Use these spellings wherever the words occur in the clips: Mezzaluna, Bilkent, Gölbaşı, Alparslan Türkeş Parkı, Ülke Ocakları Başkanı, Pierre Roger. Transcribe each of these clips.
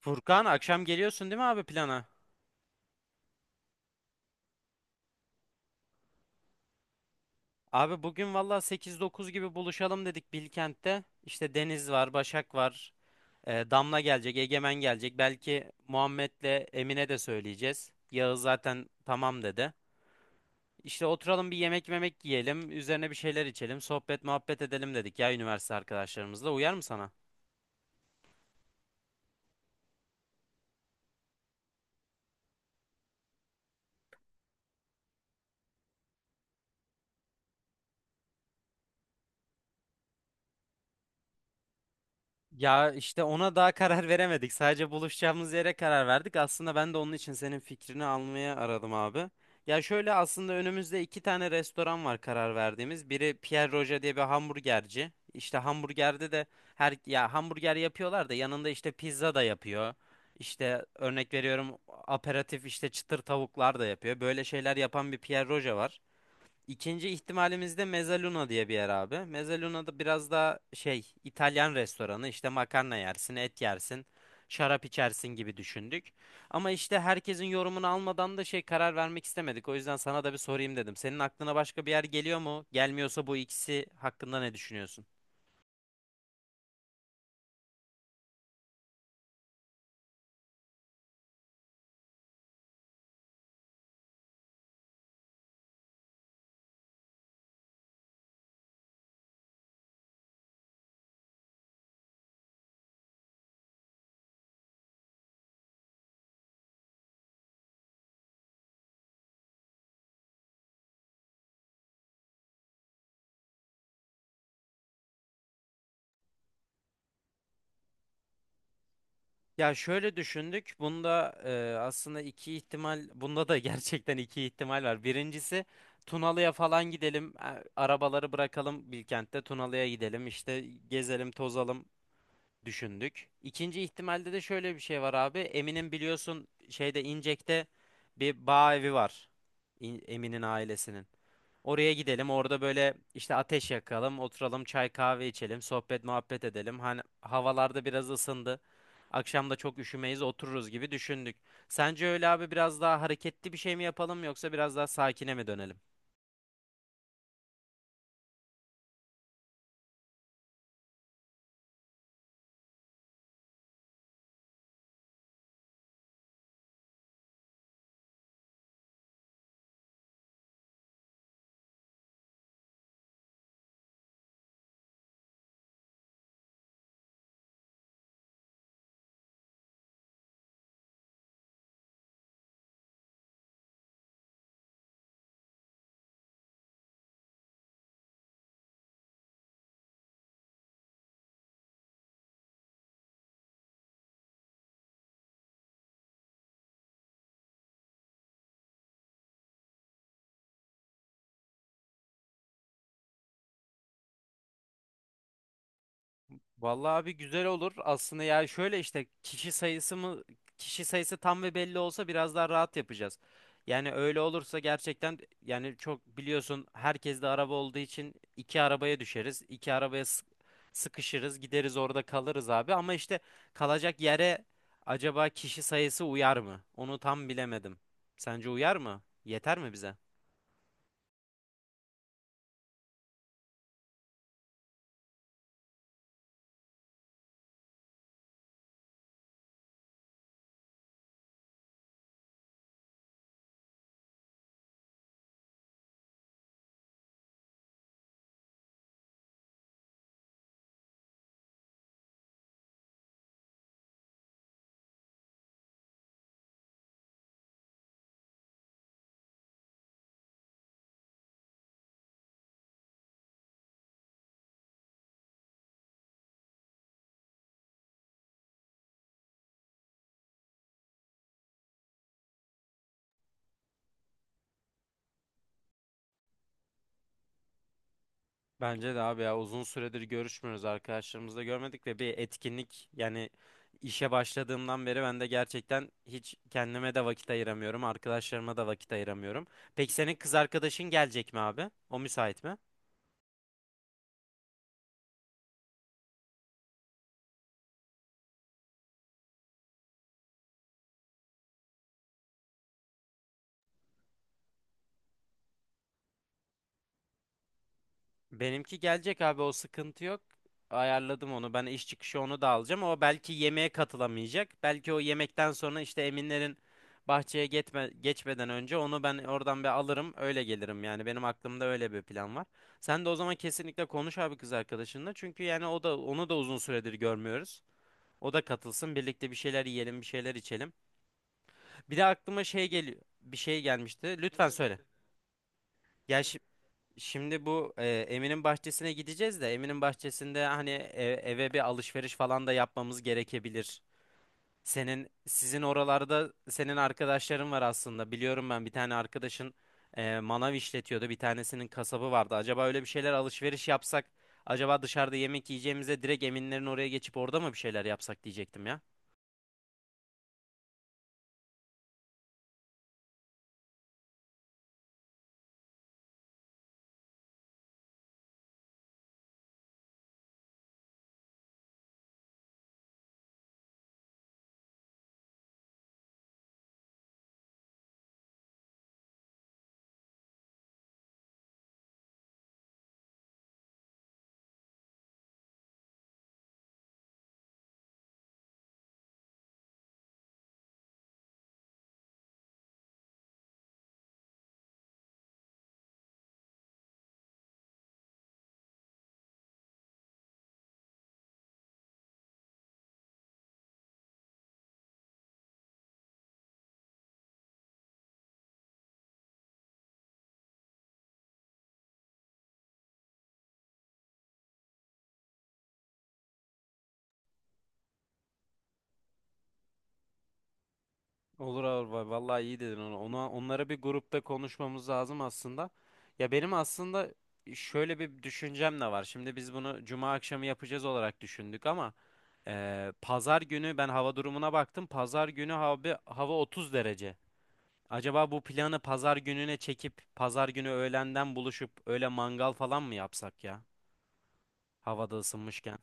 Furkan, akşam geliyorsun değil mi abi plana? Abi bugün valla sekiz dokuz gibi buluşalım dedik Bilkent'te. İşte Deniz var, Başak var, Damla gelecek, Egemen gelecek. Belki Muhammed'le Emine de söyleyeceğiz. Yağız zaten tamam dedi. İşte oturalım, bir yemek yiyelim, üzerine bir şeyler içelim, sohbet muhabbet edelim dedik ya, üniversite arkadaşlarımızla. Uyar mı sana? Ya işte ona daha karar veremedik. Sadece buluşacağımız yere karar verdik. Aslında ben de onun için senin fikrini almaya aradım abi. Ya şöyle, aslında önümüzde iki tane restoran var karar verdiğimiz. Biri Pierre Roger diye bir hamburgerci. İşte hamburgerde de her ya hamburger yapıyorlar da yanında işte pizza da yapıyor. İşte örnek veriyorum, aperatif işte çıtır tavuklar da yapıyor. Böyle şeyler yapan bir Pierre Roger var. İkinci ihtimalimiz de Mezzaluna diye bir yer abi. Mezzaluna da biraz daha şey, İtalyan restoranı, işte makarna yersin, et yersin, şarap içersin gibi düşündük. Ama işte herkesin yorumunu almadan da şey, karar vermek istemedik. O yüzden sana da bir sorayım dedim. Senin aklına başka bir yer geliyor mu? Gelmiyorsa bu ikisi hakkında ne düşünüyorsun? Ya şöyle düşündük. Bunda aslında iki ihtimal, bunda da gerçekten iki ihtimal var. Birincisi Tunalı'ya falan gidelim. Arabaları bırakalım Bilkent'te, Tunalı'ya gidelim. İşte gezelim, tozalım düşündük. İkinci ihtimalde de şöyle bir şey var abi. Emin'in biliyorsun şeyde, İncek'te bir bağ evi var. Emin'in ailesinin. Oraya gidelim. Orada böyle işte ateş yakalım, oturalım, çay kahve içelim, sohbet muhabbet edelim. Hani havalarda biraz ısındı. Akşam da çok üşümeyiz, otururuz gibi düşündük. Sence öyle abi, biraz daha hareketli bir şey mi yapalım yoksa biraz daha sakine mi dönelim? Vallahi abi güzel olur. Aslında yani şöyle işte, kişi sayısı tam ve belli olsa biraz daha rahat yapacağız. Yani öyle olursa gerçekten yani, çok biliyorsun, herkes de araba olduğu için iki arabaya düşeriz. İki arabaya sıkışırız, gideriz, orada kalırız abi. Ama işte kalacak yere acaba kişi sayısı uyar mı? Onu tam bilemedim. Sence uyar mı? Yeter mi bize? Bence de abi ya, uzun süredir görüşmüyoruz arkadaşlarımızla, görmedik ve bir etkinlik yani, işe başladığımdan beri ben de gerçekten hiç kendime de vakit ayıramıyorum, arkadaşlarıma da vakit ayıramıyorum. Peki senin kız arkadaşın gelecek mi abi? O müsait mi? Benimki gelecek abi, o sıkıntı yok. Ayarladım onu. Ben iş çıkışı onu da alacağım. O belki yemeğe katılamayacak. Belki o yemekten sonra işte Eminlerin bahçeye geçmeden önce onu ben oradan bir alırım. Öyle gelirim yani. Benim aklımda öyle bir plan var. Sen de o zaman kesinlikle konuş abi kız arkadaşınla. Çünkü yani o da, onu da uzun süredir görmüyoruz. O da katılsın. Birlikte bir şeyler yiyelim, bir şeyler içelim. Bir de aklıma şey geliyor. Bir şey gelmişti. Lütfen söyle. Gel Şimdi bu Emin'in bahçesine gideceğiz de Emin'in bahçesinde hani eve bir alışveriş falan da yapmamız gerekebilir. Sizin oralarda senin arkadaşların var aslında. Biliyorum, ben bir tane arkadaşın manav işletiyordu. Bir tanesinin kasabı vardı. Acaba öyle bir şeyler alışveriş yapsak, acaba dışarıda yemek yiyeceğimize direkt Emin'lerin oraya geçip orada mı bir şeyler yapsak diyecektim ya. Olur abi, vallahi iyi dedin onu. Onları bir grupta konuşmamız lazım aslında. Ya benim aslında şöyle bir düşüncem de var. Şimdi biz bunu cuma akşamı yapacağız olarak düşündük ama pazar günü ben hava durumuna baktım. Pazar günü abi hava 30 derece. Acaba bu planı pazar gününe çekip pazar günü öğlenden buluşup öyle mangal falan mı yapsak ya? Havada ısınmışken.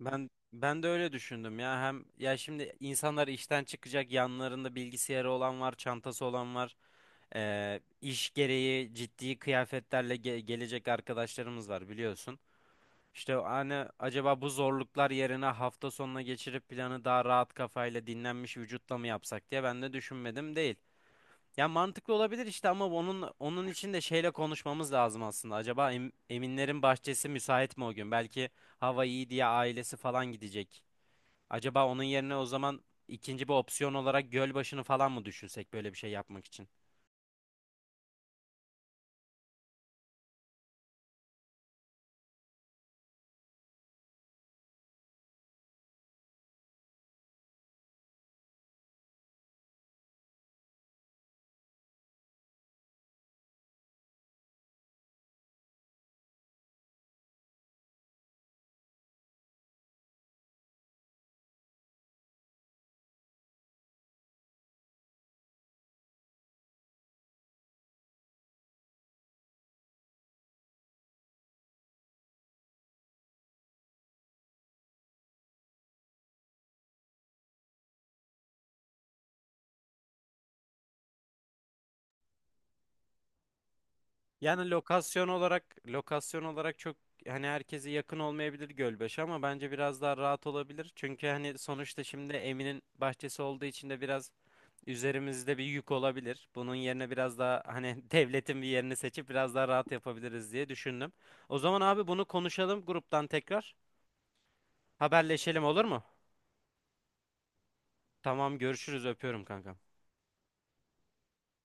Ben de öyle düşündüm ya, hem ya şimdi insanlar işten çıkacak, yanlarında bilgisayarı olan var, çantası olan var. İş gereği ciddi kıyafetlerle gelecek arkadaşlarımız var biliyorsun. İşte hani acaba bu zorluklar yerine hafta sonuna geçirip planı daha rahat kafayla, dinlenmiş vücutla mı yapsak diye ben de düşünmedim değil. Ya mantıklı olabilir işte, ama onun için de şeyle konuşmamız lazım aslında. Acaba Eminlerin bahçesi müsait mi o gün? Belki hava iyi diye ailesi falan gidecek. Acaba onun yerine o zaman ikinci bir opsiyon olarak Gölbaşı'nı falan mı düşünsek böyle bir şey yapmak için? Yani lokasyon olarak çok hani herkese yakın olmayabilir Gölbaşı, ama bence biraz daha rahat olabilir. Çünkü hani sonuçta şimdi Emin'in bahçesi olduğu için de biraz üzerimizde bir yük olabilir. Bunun yerine biraz daha hani devletin bir yerini seçip biraz daha rahat yapabiliriz diye düşündüm. O zaman abi bunu konuşalım gruptan tekrar. Haberleşelim olur mu? Tamam, görüşürüz, öpüyorum kankam.